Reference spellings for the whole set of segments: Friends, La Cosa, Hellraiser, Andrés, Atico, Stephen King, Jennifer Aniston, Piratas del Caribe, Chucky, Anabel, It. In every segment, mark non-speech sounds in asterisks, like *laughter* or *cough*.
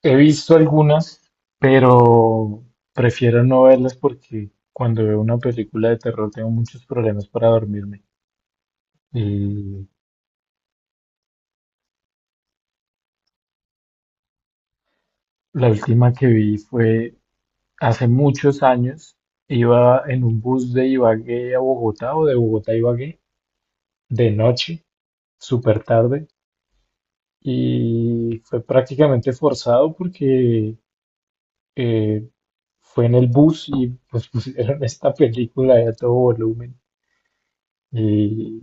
He visto algunas, pero prefiero no verlas porque cuando veo una película de terror tengo muchos problemas para dormirme. Y la última que vi fue hace muchos años. Iba en un bus de Ibagué a Bogotá o de Bogotá a Ibagué de noche, súper tarde, y fue prácticamente forzado porque eh, fue en el bus y pues *laughs* pusieron esta película de a todo volumen. Y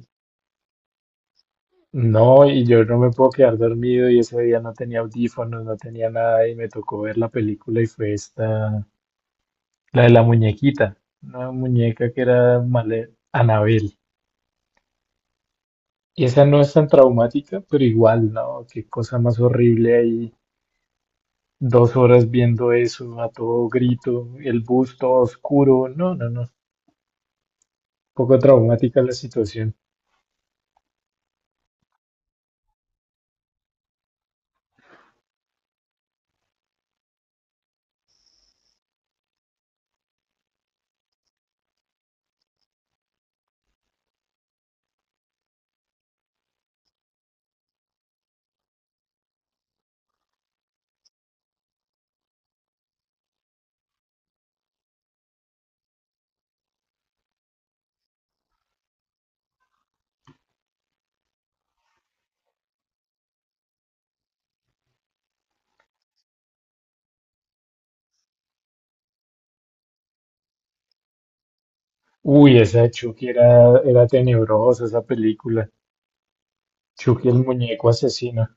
No, y yo no me puedo quedar dormido y ese día no tenía audífonos, no tenía nada y me tocó ver la película y fue esta, la de la muñequita, una muñeca que era Anabel. Y esa no es tan traumática, pero igual, ¿no? Qué cosa más horrible ahí, 2 horas viendo eso a todo grito, el bus todo oscuro, no, no, no, poco traumática la situación. Uy, esa de Chucky era tenebrosa, esa película, Chucky el muñeco asesino.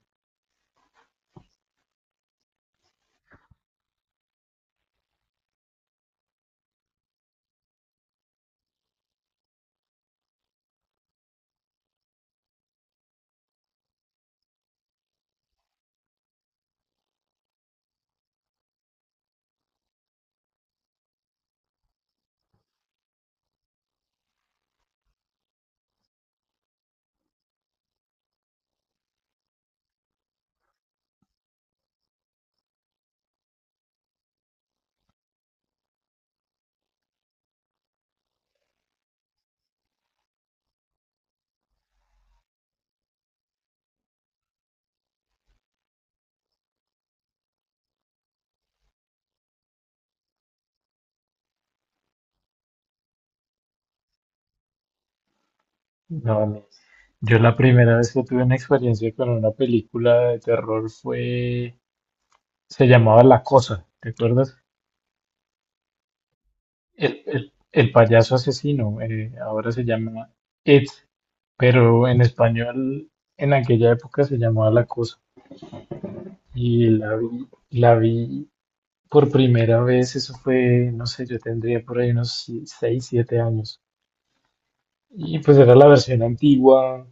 No, yo la primera vez que tuve una experiencia con una película de terror se llamaba La Cosa, ¿te acuerdas? El payaso asesino, ahora se llama It, pero en español en aquella época se llamaba La Cosa. Y la vi por primera vez, eso fue, no sé, yo tendría por ahí unos si, 6, 7 años. Y pues era la versión antigua,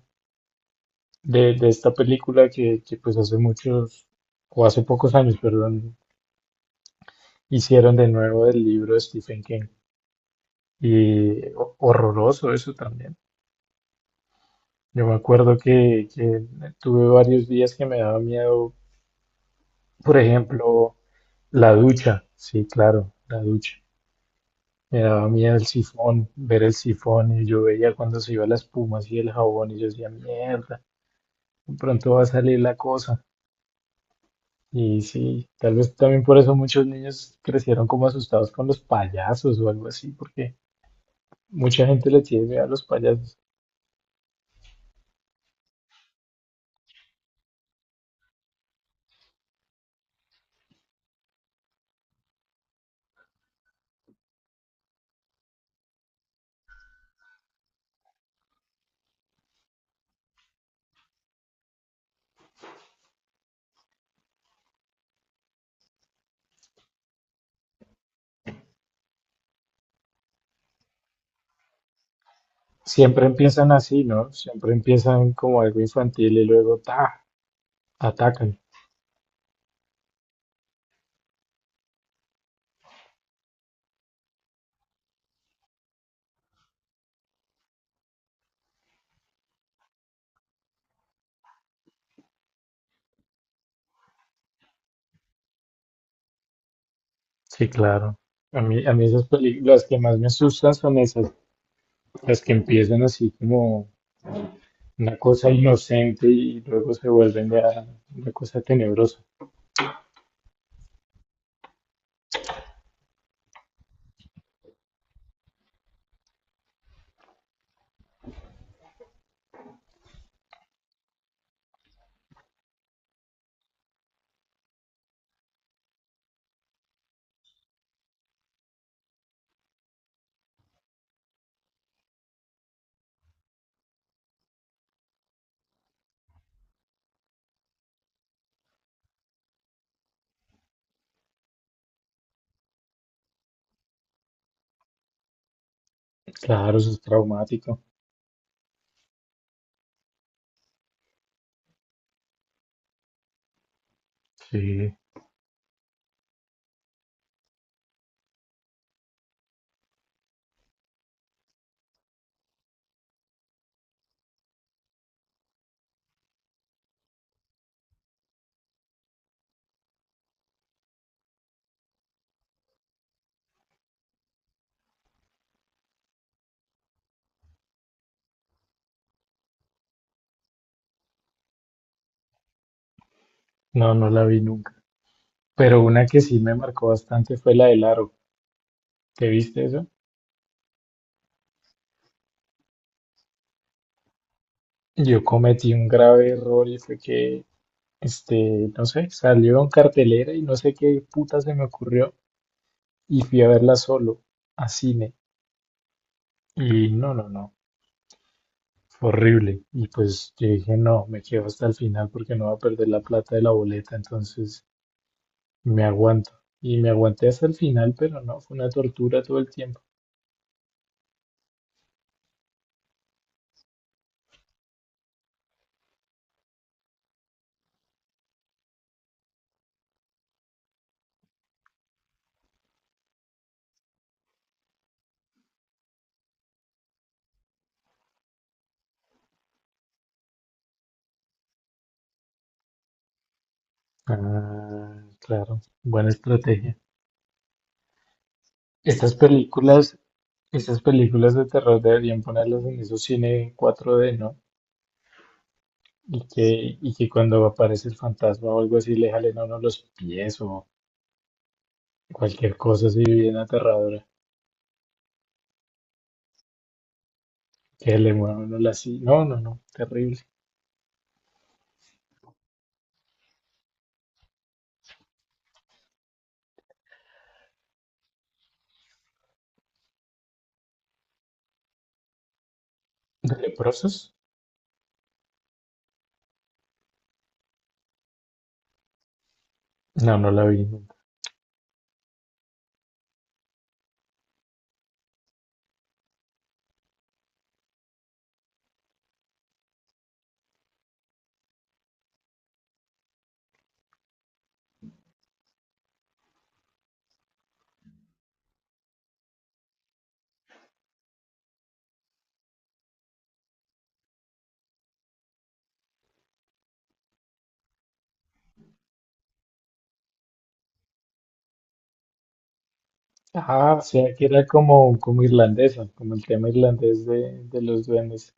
de esta película pues hace muchos, o hace pocos años, perdón, hicieron de nuevo del libro de Stephen King. Y horroroso eso también. Yo me acuerdo que tuve varios días que me daba miedo, por ejemplo, la ducha. Sí, claro, la ducha. Me daba miedo el sifón, ver el sifón y yo veía cuando se iba la espuma así el jabón y yo decía, mierda, de pronto va a salir la cosa. Y sí, tal vez también por eso muchos niños crecieron como asustados con los payasos o algo así, porque mucha gente le tiene miedo a los payasos. Siempre empiezan así, ¿no? Siempre empiezan como algo infantil y luego ta, atacan. Sí, claro. A mí esas películas, las que más me asustan son esas, las que empiezan así como una cosa inocente y luego se vuelven ya una cosa tenebrosa. Claro, eso es traumático. Sí, no, no la vi nunca. Pero una que sí me marcó bastante fue la del aro. ¿Te viste eso? Yo cometí un grave error y fue que, no sé, salió en cartelera y no sé qué puta se me ocurrió y fui a verla solo a cine. Y no, no, no, fue horrible. Y pues yo dije, no, me quedo hasta el final porque no va a perder la plata de la boleta, entonces me aguanto. Y me aguanté hasta el final, pero no, fue una tortura todo el tiempo. Ah, claro, buena estrategia. Estas películas Esas películas de terror deberían ponerlas en esos cine 4D, ¿no? Y que cuando aparece el fantasma o algo así le jalen a uno los pies o cualquier cosa así bien aterradora. Que le muevan a uno la silla. No, no, no, terrible. ¿De leprosos? No, no la vi nunca. Ah, o sea que era como, como irlandesa, como el tema irlandés de los duendes.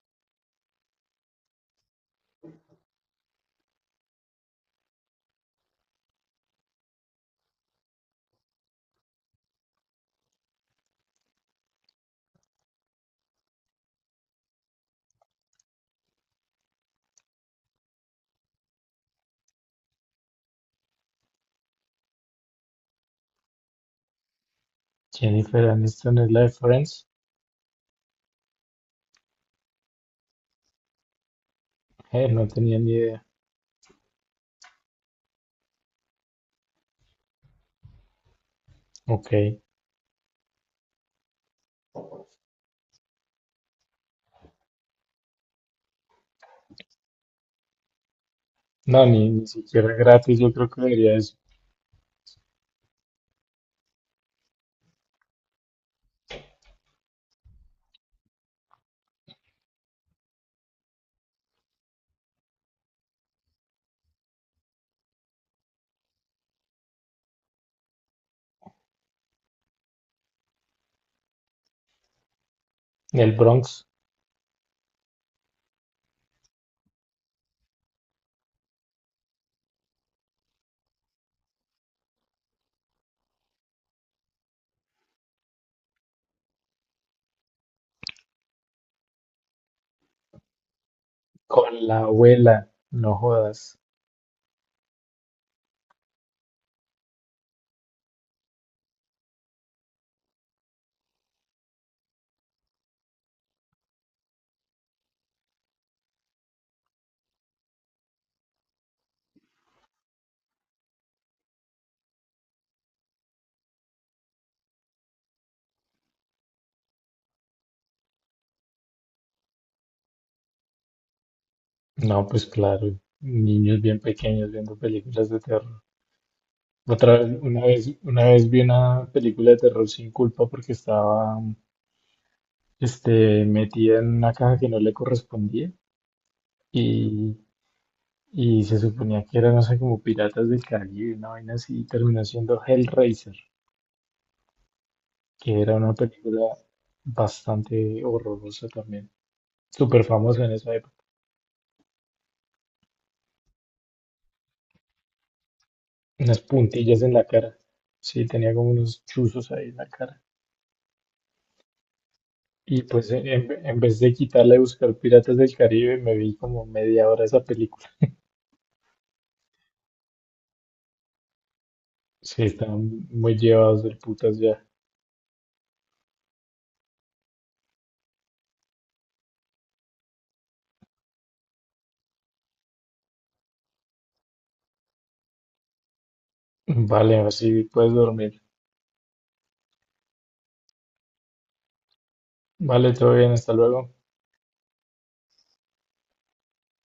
Jennifer Aniston es la de Friends. No tenía ni idea. Ok. No, ni siquiera gratis, yo creo que debería eso. El Bronx. Con la abuela, no jodas. No, pues claro, niños bien pequeños viendo películas de terror. Otra vez, una vez vi una película de terror sin culpa porque estaba, metida en una caja que no le correspondía y, y se suponía que era, no sé, como Piratas del Caribe, una vaina así, y terminó siendo Hellraiser, que era una película bastante horrorosa también, súper famosa en esa época. Unas puntillas en la cara. Sí, tenía como unos chuzos ahí en la cara. Y pues en, en vez de quitarla y buscar Piratas del Caribe, me vi como media hora esa película. Sí, estaban muy llevados del putas ya. Vale, así puedes dormir. Vale, todo bien, hasta luego.